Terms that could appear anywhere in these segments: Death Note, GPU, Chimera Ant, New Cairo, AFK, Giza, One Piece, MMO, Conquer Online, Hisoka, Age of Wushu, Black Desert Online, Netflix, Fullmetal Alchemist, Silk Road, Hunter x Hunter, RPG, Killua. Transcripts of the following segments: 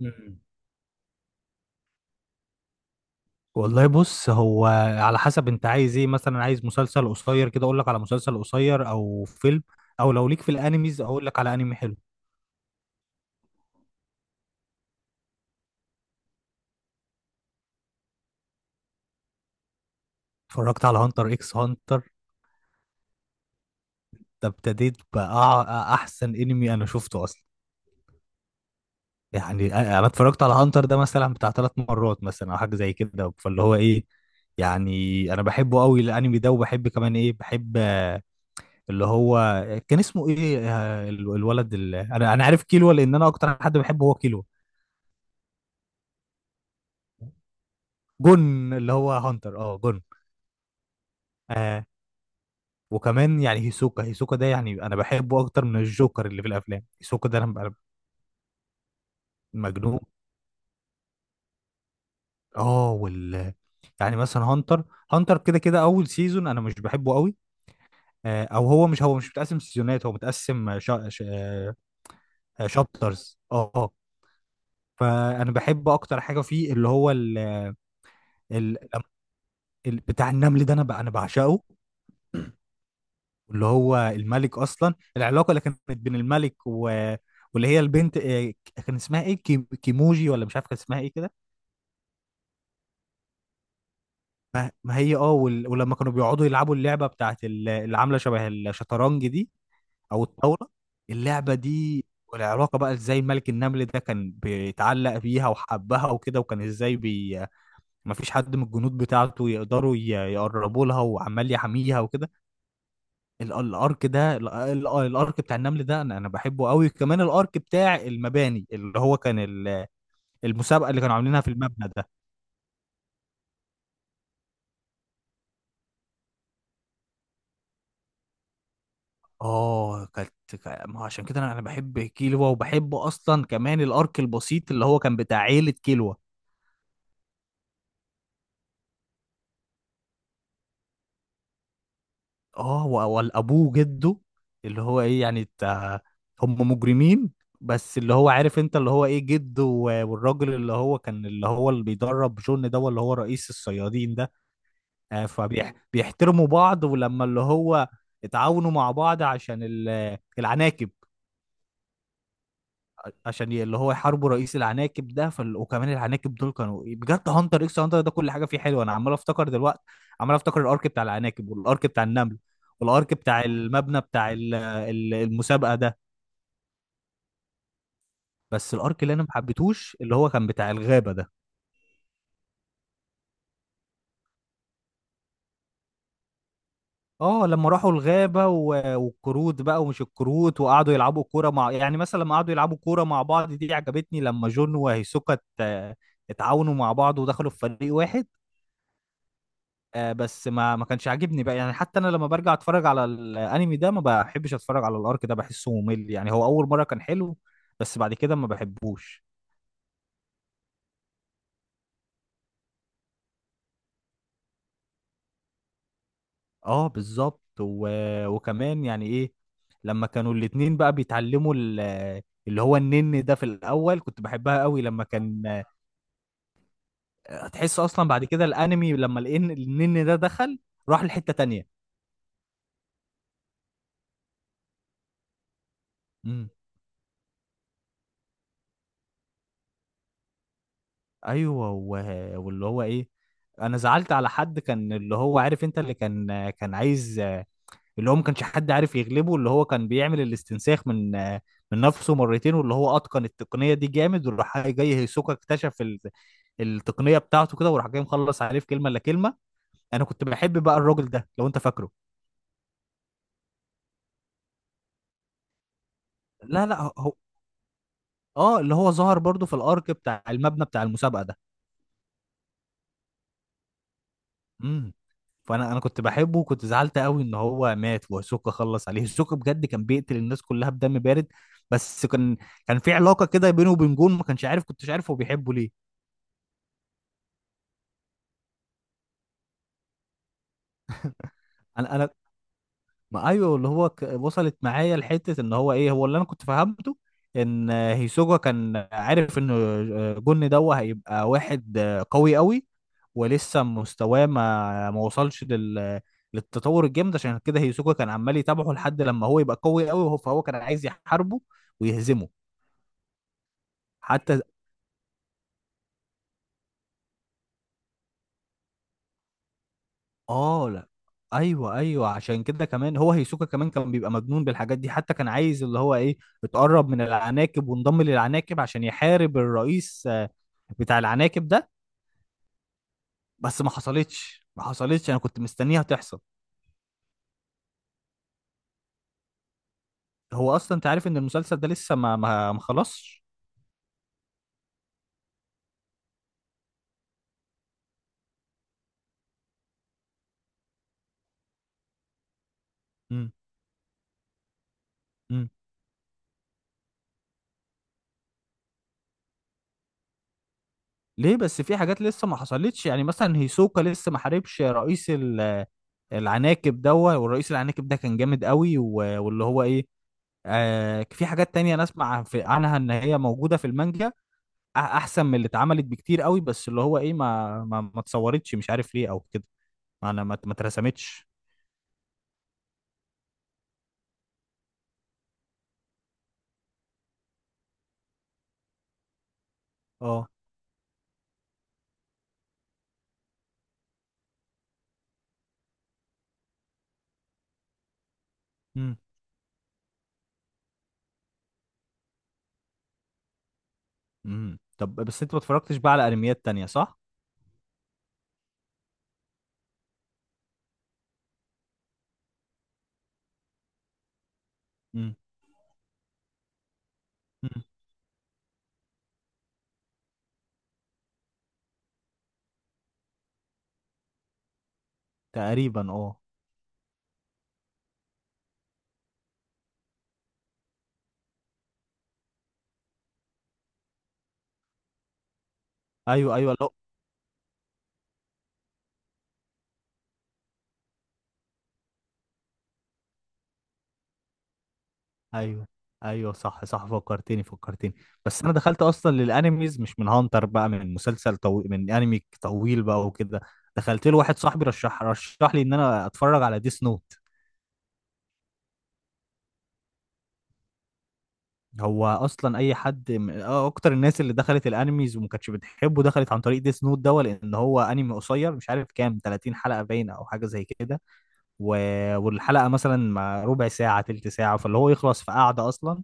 مم. والله بص، هو على حسب انت عايز ايه. مثلا عايز مسلسل قصير كده اقول لك على مسلسل قصير او فيلم، او لو ليك في الانميز اقول لك على انمي حلو. اتفرجت على هانتر اكس هانتر ده، ابتديت بقى احسن انمي انا شفته اصلا. يعني انا اتفرجت على هانتر ده مثلا بتاع 3 مرات مثلا او حاجه زي كده. فاللي هو ايه، يعني انا بحبه قوي الانمي ده، وبحب كمان ايه، بحب اللي هو كان اسمه ايه، الولد اللي انا عارف، كيلو. لان انا اكتر حد بحبه هو كيلو. جون اللي هو هانتر، اه جون. آه، وكمان يعني هيسوكا، هيسوكا ده يعني انا بحبه اكتر من الجوكر اللي في الافلام. هيسوكا ده انا ببقى مجنون. اه يعني مثلا هانتر، هانتر كده كده اول سيزون انا مش بحبه قوي. او هو مش متقسم سيزونات، هو متقسم شابترز، اه. فانا بحب اكتر حاجه فيه اللي هو ال... بتاع النمل ده. انا بعشقه. واللي هو الملك اصلا، العلاقه اللي كانت بين الملك واللي هي البنت، كان اسمها ايه، كيموجي ولا مش عارف كان اسمها ايه كده. ما هي اه ولما كانوا بيقعدوا يلعبوا اللعبه بتاعت اللي عامله شبه الشطرنج دي، او الطاوله، اللعبه دي. والعلاقه بقى ازاي الملك النمل ده كان بيتعلق بيها وحبها وكده. وكان ازاي ما فيش حد من الجنود بتاعته يقدروا يقربوا لها، وعمال يحميها وكده. الارك ده، الارك بتاع النمل ده انا بحبه قوي. كمان الارك بتاع المباني اللي هو كان المسابقه اللي كانوا عاملينها في المبنى ده. اه كانت، ما هو عشان كده انا بحب كيلوا، وبحب اصلا كمان الارك البسيط اللي هو كان بتاع عيله كيلوا. والابوه، جده، اللي هو ايه يعني بتاع، هم مجرمين. بس اللي هو عارف انت اللي هو ايه جده والراجل اللي هو كان، اللي هو اللي بيدرب جون ده، اللي هو رئيس الصيادين ده. فبيحترموا بعض. ولما اللي هو اتعاونوا مع بعض عشان العناكب، عشان اللي هو يحاربوا رئيس العناكب ده. وكمان العناكب دول كانوا بجد. هانتر اكس هانتر ده كل حاجه فيه حلوه، انا عمال افتكر دلوقتي، عمال افتكر الارك بتاع العناكب، والارك بتاع النمل، والارك بتاع المبنى بتاع المسابقه ده. بس الارك اللي انا ما حبيتهوش اللي هو كان بتاع الغابه ده. اه لما راحوا الغابة والكروت بقى، ومش الكروت، وقعدوا يلعبوا كورة مع، يعني مثلا لما قعدوا يلعبوا كورة مع بعض دي عجبتني، لما جون وهيسوكا ات- اتعاونوا مع بعض ودخلوا في فريق واحد. بس ما كانش عاجبني بقى. يعني حتى انا لما برجع اتفرج على الانمي ده ما بحبش اتفرج على الارك ده، بحسه ممل. يعني هو اول مرة كان حلو، بس بعد كده ما بحبوش. اه بالظبط. وكمان يعني ايه، لما كانوا الاتنين بقى بيتعلموا اللي هو النن ده، في الاول كنت بحبها قوي لما كان، تحس اصلا بعد كده الانمي لما الان النن ده دخل راح لحتة تانية. امم، ايوه. واللي هو ايه، انا زعلت على حد كان اللي هو عارف انت اللي كان عايز، اللي هو ما كانش حد عارف يغلبه، اللي هو كان بيعمل الاستنساخ من نفسه مرتين. واللي هو اتقن التقنية دي جامد، وراح جاي هيسوكا اكتشف التقنية بتاعته كده، وراح جاي مخلص عليه في كلمة الا كلمة. انا كنت بحب بقى الراجل ده، لو انت فاكره. لا لا، هو اه اللي هو ظهر برضو في الارك بتاع المبنى بتاع المسابقة ده. امم فانا كنت بحبه، وكنت زعلت قوي ان هو مات وهيسوكا خلص عليه. هيسوكا بجد كان بيقتل الناس كلها بدم بارد، بس كان في علاقه كده بينه وبين جون ما كانش عارف، كنتش عارف هو بيحبه ليه. انا ما، ايوه، اللي هو وصلت معايا لحته ان هو ايه، هو اللي انا كنت فهمته ان هيسوجا كان عارف ان جن دوا هيبقى واحد قوي قوي. ولسه مستواه ما وصلش للتطور الجامد، عشان كده هيسوجا كان عمال يتابعه لحد لما هو يبقى قوي قوي. فهو كان عايز يحاربه ويهزمه. حتى اه، لا ايوه ايوه، عشان كده كمان هو هيسوكا كمان كان بيبقى مجنون بالحاجات دي. حتى كان عايز اللي هو ايه، اتقرب من العناكب وانضم للعناكب عشان يحارب الرئيس، بتاع العناكب ده. بس ما حصلتش، ما حصلتش، انا كنت مستنيها تحصل. هو اصلا انت عارف ان المسلسل ده لسه ما خلصش. امم امم ليه بس، في حاجات لسه ما حصلتش. يعني مثلا هيسوكا لسه ما حاربش رئيس العناكب ده، والرئيس العناكب ده كان جامد قوي. واللي هو ايه، في حاجات تانية انا اسمع في عنها ان هي موجودة في المانجا، احسن من اللي اتعملت بكتير قوي. بس اللي هو ايه، ما اتصورتش، مش عارف ليه او كده، انا ما اترسمتش. اه. امم طب بس انت ما اتفرجتش بقى على انميات تانية، صح؟ امم، امم، تقريبا اه. ايوه ايوه. لا. ايوه ايوه، صح صح، فكرتني فكرتني. بس انا دخلت اصلا للانميز مش من هانتر، بقى من مسلسل طويل، من انمي طويل بقى وكده. دخلت له، واحد صاحبي رشح لي ان انا اتفرج على ديس نوت. هو اصلا اي حد من، اكتر الناس اللي دخلت الانميز وما كانتش بتحبه دخلت عن طريق ديس نوت ده، لان هو انمي قصير مش عارف كام، 30 حلقه باينه او حاجه زي كده. و... والحلقه مثلا ما ربع ساعه تلت ساعه، فاللي هو يخلص في قعده اصلا.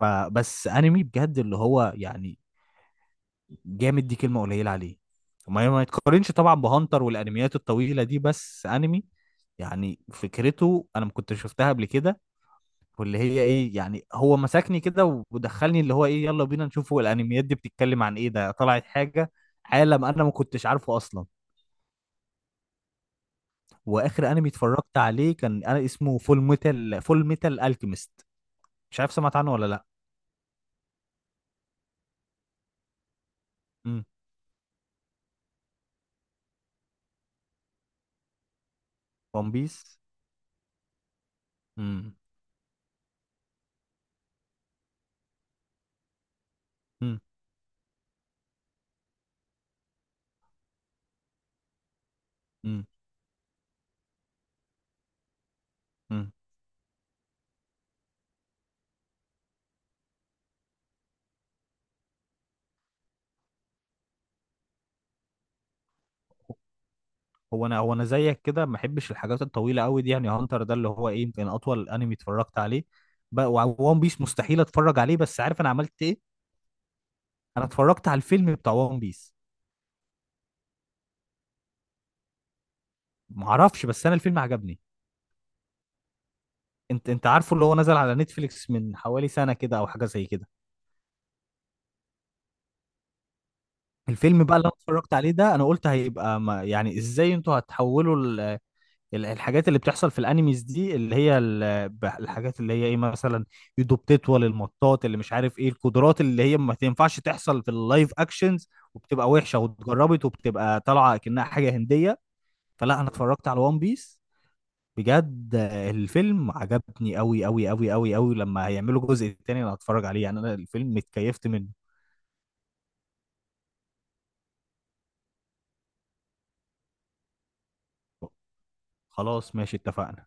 فبس انمي بجد، اللي هو يعني جامد، دي كلمه قليله عليه. ما يتقارنش طبعا بهانتر والانميات الطويله دي، بس انمي، يعني فكرته انا ما كنتش شفتها قبل كده. واللي هي ايه، يعني هو مسكني كده ودخلني، اللي هو ايه، يلا بينا نشوفه، الانميات دي بتتكلم عن ايه، ده طلعت حاجه، عالم انا ما كنتش عارفه اصلا. واخر انمي اتفرجت عليه كان، انا اسمه، فول ميتال الكيميست، مش عارف سمعت عنه ولا لا. امم. ون بيس. امم. امم. امم. أمم. هو انا زيك كده، ما بحبش الحاجات الطويله قوي دي. يعني هانتر ده اللي هو ايه يمكن اطول انمي اتفرجت عليه بقى. وون بيس مستحيل اتفرج عليه. بس عارف انا عملت ايه، انا اتفرجت على الفيلم بتاع ون بيس. معرفش، بس انا الفيلم عجبني. انت عارفه اللي هو نزل على نتفليكس من حوالي سنة كده او حاجة زي كده. الفيلم بقى اللي انا اتفرجت عليه ده انا قلت، هيبقى ما، يعني ازاي انتوا هتحولوا الحاجات اللي بتحصل في الانيميز دي، اللي هي الحاجات اللي هي ايه، مثلا ايده بتطول المطاط، اللي مش عارف ايه القدرات اللي هي ما تنفعش تحصل في اللايف اكشنز، وبتبقى وحشة واتجربت وبتبقى طالعة كأنها حاجة هندية. فلا انا اتفرجت على وان بيس، بجد الفيلم عجبني قوي قوي قوي قوي قوي. لما هيعملوا جزء تاني انا هتفرج عليه، يعني انا الفيلم اتكيفت منه. خلاص ماشي، اتفقنا.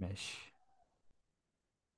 ماشي.